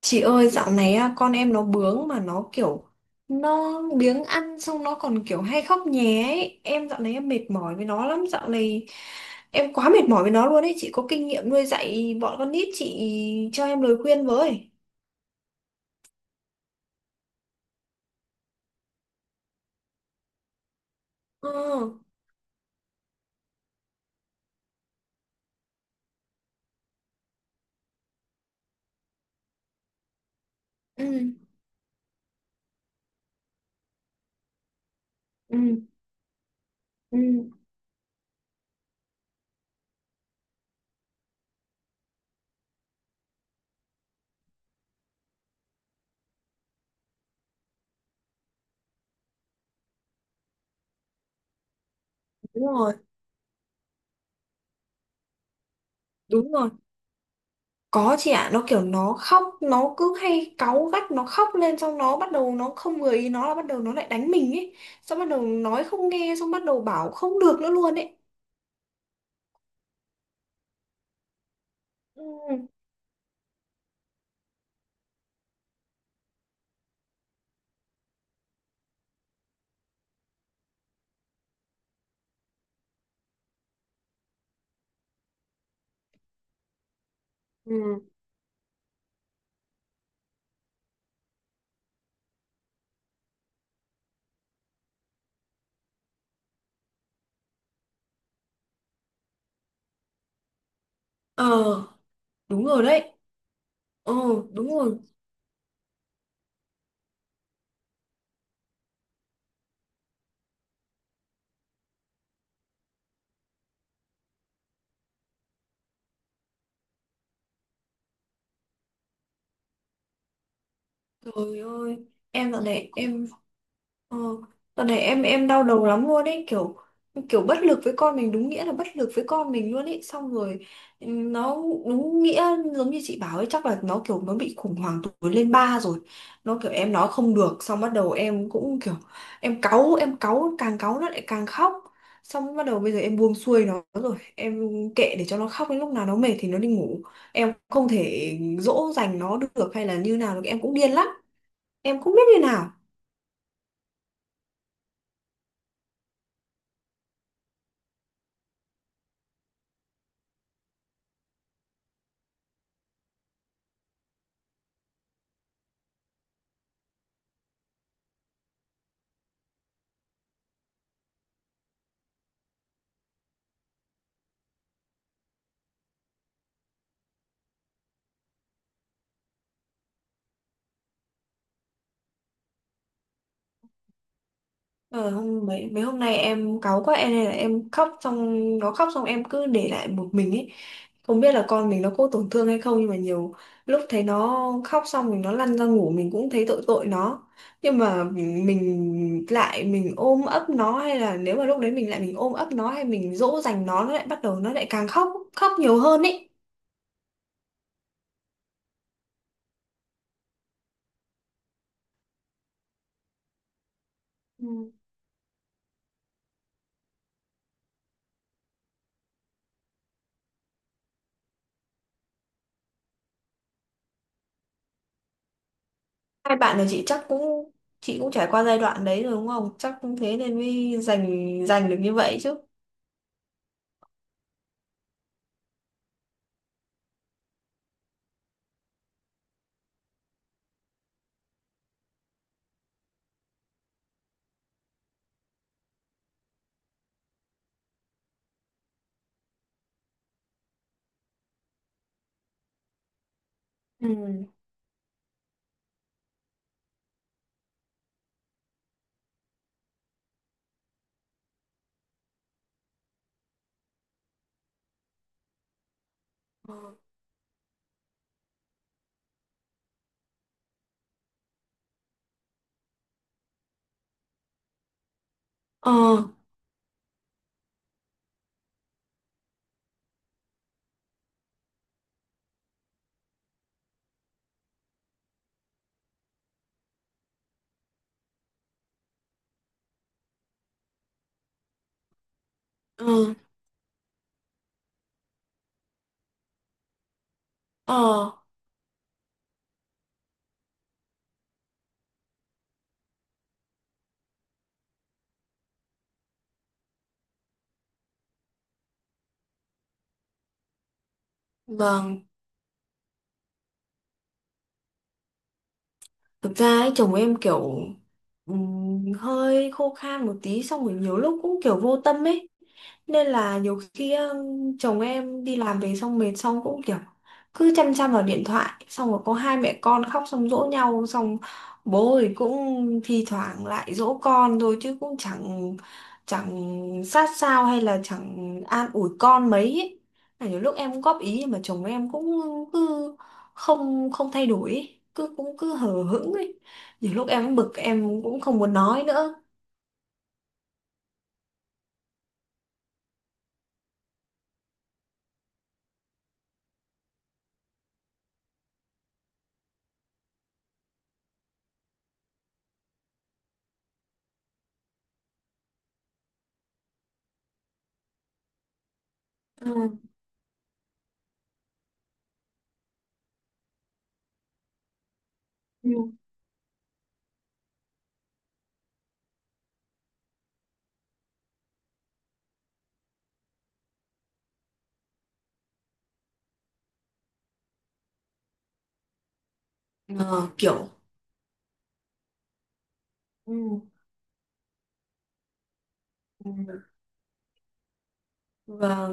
Chị ơi, dạo này á, con em nó bướng mà nó kiểu nó biếng ăn, xong nó còn kiểu hay khóc nhé ấy. Em dạo này em mệt mỏi với nó lắm, dạo này em quá mệt mỏi với nó luôn ấy. Chị có kinh nghiệm nuôi dạy bọn con nít, chị cho em lời khuyên với. Ờ. Ừ. Ừ. Ừ. Đúng rồi. Đúng rồi. Có, chị ạ. Nó kiểu nó khóc, nó cứ hay cáu gắt, nó khóc lên xong nó bắt đầu, nó không vừa ý nó là bắt đầu nó lại đánh mình ấy. Xong bắt đầu nói không nghe, xong bắt đầu bảo không được nữa luôn ấy. Ừ. Ừ. Ờ, đúng rồi đấy. Ờ, đúng rồi. Trời ơi! Em dạo này em Ờ, đợt này em đau đầu lắm luôn ấy, kiểu kiểu bất lực với con mình, đúng nghĩa là bất lực với con mình luôn ấy, xong rồi nó đúng nghĩa, giống như chị bảo ấy, chắc là nó kiểu nó bị khủng hoảng tuổi lên ba rồi. Nó kiểu em nói không được, xong bắt đầu em cũng kiểu em cáu, em cáu càng cáu nó lại càng khóc. Xong bắt đầu bây giờ em buông xuôi nó rồi, em kệ để cho nó khóc đến lúc nào nó mệt thì nó đi ngủ, em không thể dỗ dành nó được hay là như nào được, em cũng điên lắm, em không biết như nào. Ờ, hôm mấy mấy hôm nay em cáu quá, em nên là em khóc xong nó khóc xong em cứ để lại một mình ấy, không biết là con mình nó có tổn thương hay không. Nhưng mà nhiều lúc thấy nó khóc xong, mình nó lăn ra ngủ, mình cũng thấy tội tội nó. Nhưng mà mình lại mình ôm ấp nó, hay là nếu mà lúc đấy mình lại mình ôm ấp nó hay mình dỗ dành nó lại bắt đầu nó lại càng khóc, khóc nhiều hơn ấy. Ừ. Hai bạn là chị chắc cũng, chị cũng trải qua giai đoạn đấy rồi đúng không? Chắc cũng thế nên mới dành dành được như vậy chứ. Ừ. Ờ, ờ, ờ, vâng. Thực ra ấy, chồng em kiểu hơi khô khan một tí, xong rồi nhiều lúc cũng kiểu vô tâm ấy. Nên là nhiều khi chồng em đi làm về xong mệt xong cũng kiểu cứ chăm chăm vào điện thoại. Xong rồi có hai mẹ con khóc, xong dỗ nhau xong bố thì cũng thi thoảng lại dỗ con thôi chứ cũng chẳng chẳng sát sao hay là chẳng an ủi con mấy ấy. Là nhiều lúc em cũng góp ý nhưng mà chồng em cũng cứ không không thay đổi ấy. Cứ hờ hững ấy, nhiều lúc em bực em cũng không muốn nói nữa. Ừ. Ừ. Ờ, kiểu. Ừ. Ừ. Và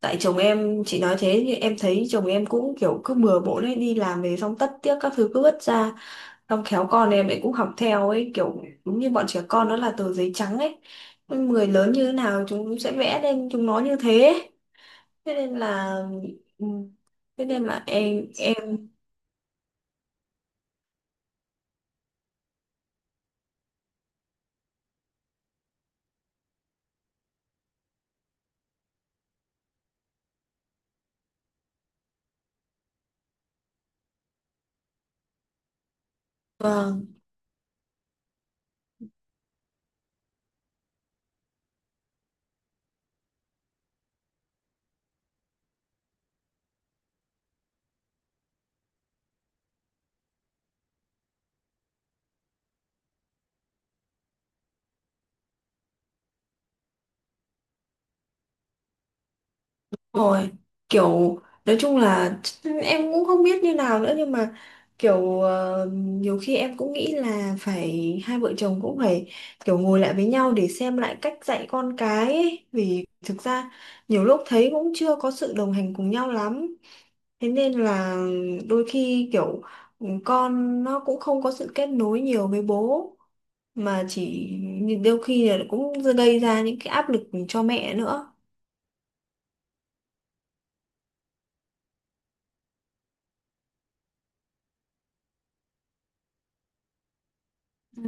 tại chồng em, chị nói thế thì em thấy chồng em cũng kiểu cứ bừa bộn ấy, đi làm về xong tất tiếc các thứ cứ vứt ra. Xong khéo con em ấy cũng học theo ấy, kiểu đúng như bọn trẻ con nó là tờ giấy trắng ấy, người lớn như thế nào chúng sẽ vẽ lên chúng nó như thế ấy. Thế nên là, ừ, thế nên là em. Ờ, rồi, kiểu nói chung là em cũng không biết như nào nữa, nhưng mà kiểu nhiều khi em cũng nghĩ là phải hai vợ chồng cũng phải kiểu ngồi lại với nhau để xem lại cách dạy con cái ấy. Vì thực ra nhiều lúc thấy cũng chưa có sự đồng hành cùng nhau lắm, thế nên là đôi khi kiểu con nó cũng không có sự kết nối nhiều với bố, mà chỉ đôi khi là cũng gây ra những cái áp lực cho mẹ nữa. Ừ.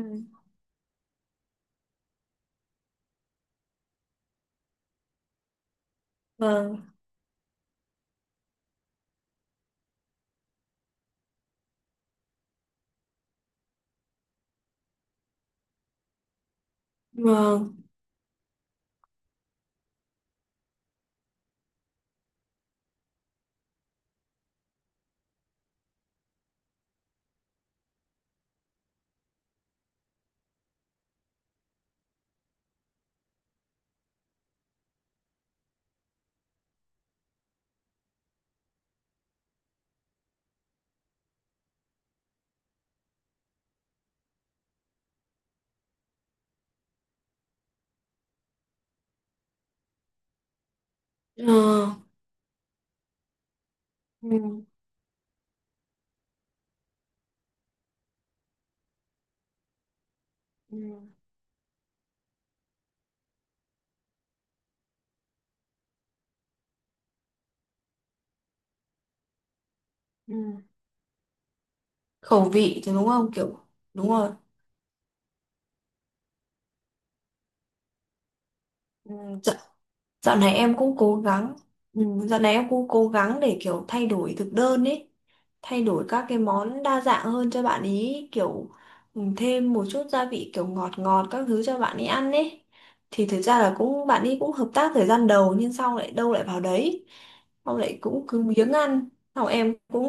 Vâng, vâng. Ờ, ừ, ừ, ừ, khẩu vị thì đúng không, kiểu. Đúng rồi. Ừ, dạo, dạo này em cũng cố gắng. Ừ, dạo này em cũng cố gắng để kiểu thay đổi thực đơn ấy, thay đổi các cái món đa dạng hơn cho bạn ý, kiểu ừ, thêm một chút gia vị kiểu ngọt ngọt các thứ cho bạn ấy ăn ấy. Thì thực ra là cũng bạn ấy cũng hợp tác thời gian đầu nhưng sau lại đâu lại vào đấy, xong lại cũng cứ biếng ăn, sau em cũng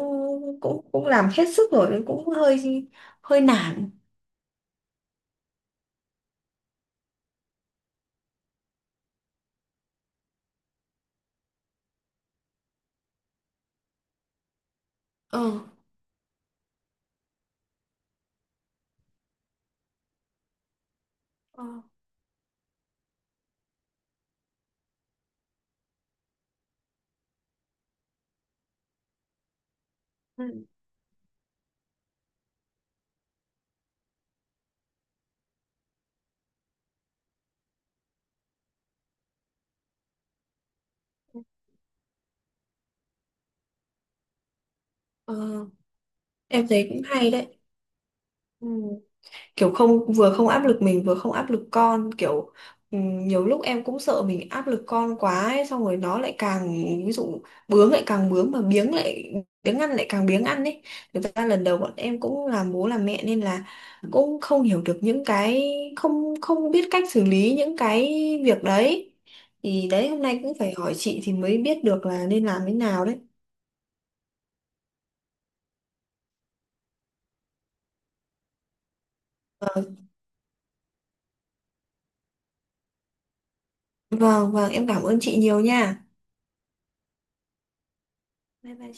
cũng cũng làm hết sức rồi, cũng hơi hơi nản. Ờ. Ờ, ừ, ừ, ờ, em thấy cũng hay đấy. Ừ, kiểu không, vừa không áp lực mình vừa không áp lực con, kiểu nhiều lúc em cũng sợ mình áp lực con quá ấy, xong rồi nó lại càng, ví dụ bướng lại càng bướng mà biếng ăn lại càng biếng ăn ấy. Thực ra lần đầu bọn em cũng làm bố làm mẹ nên là cũng không hiểu được những cái, không không biết cách xử lý những cái việc đấy. Thì đấy hôm nay cũng phải hỏi chị thì mới biết được là nên làm thế nào đấy. Vâng, vâng, em cảm ơn chị nhiều nha. Bye bye.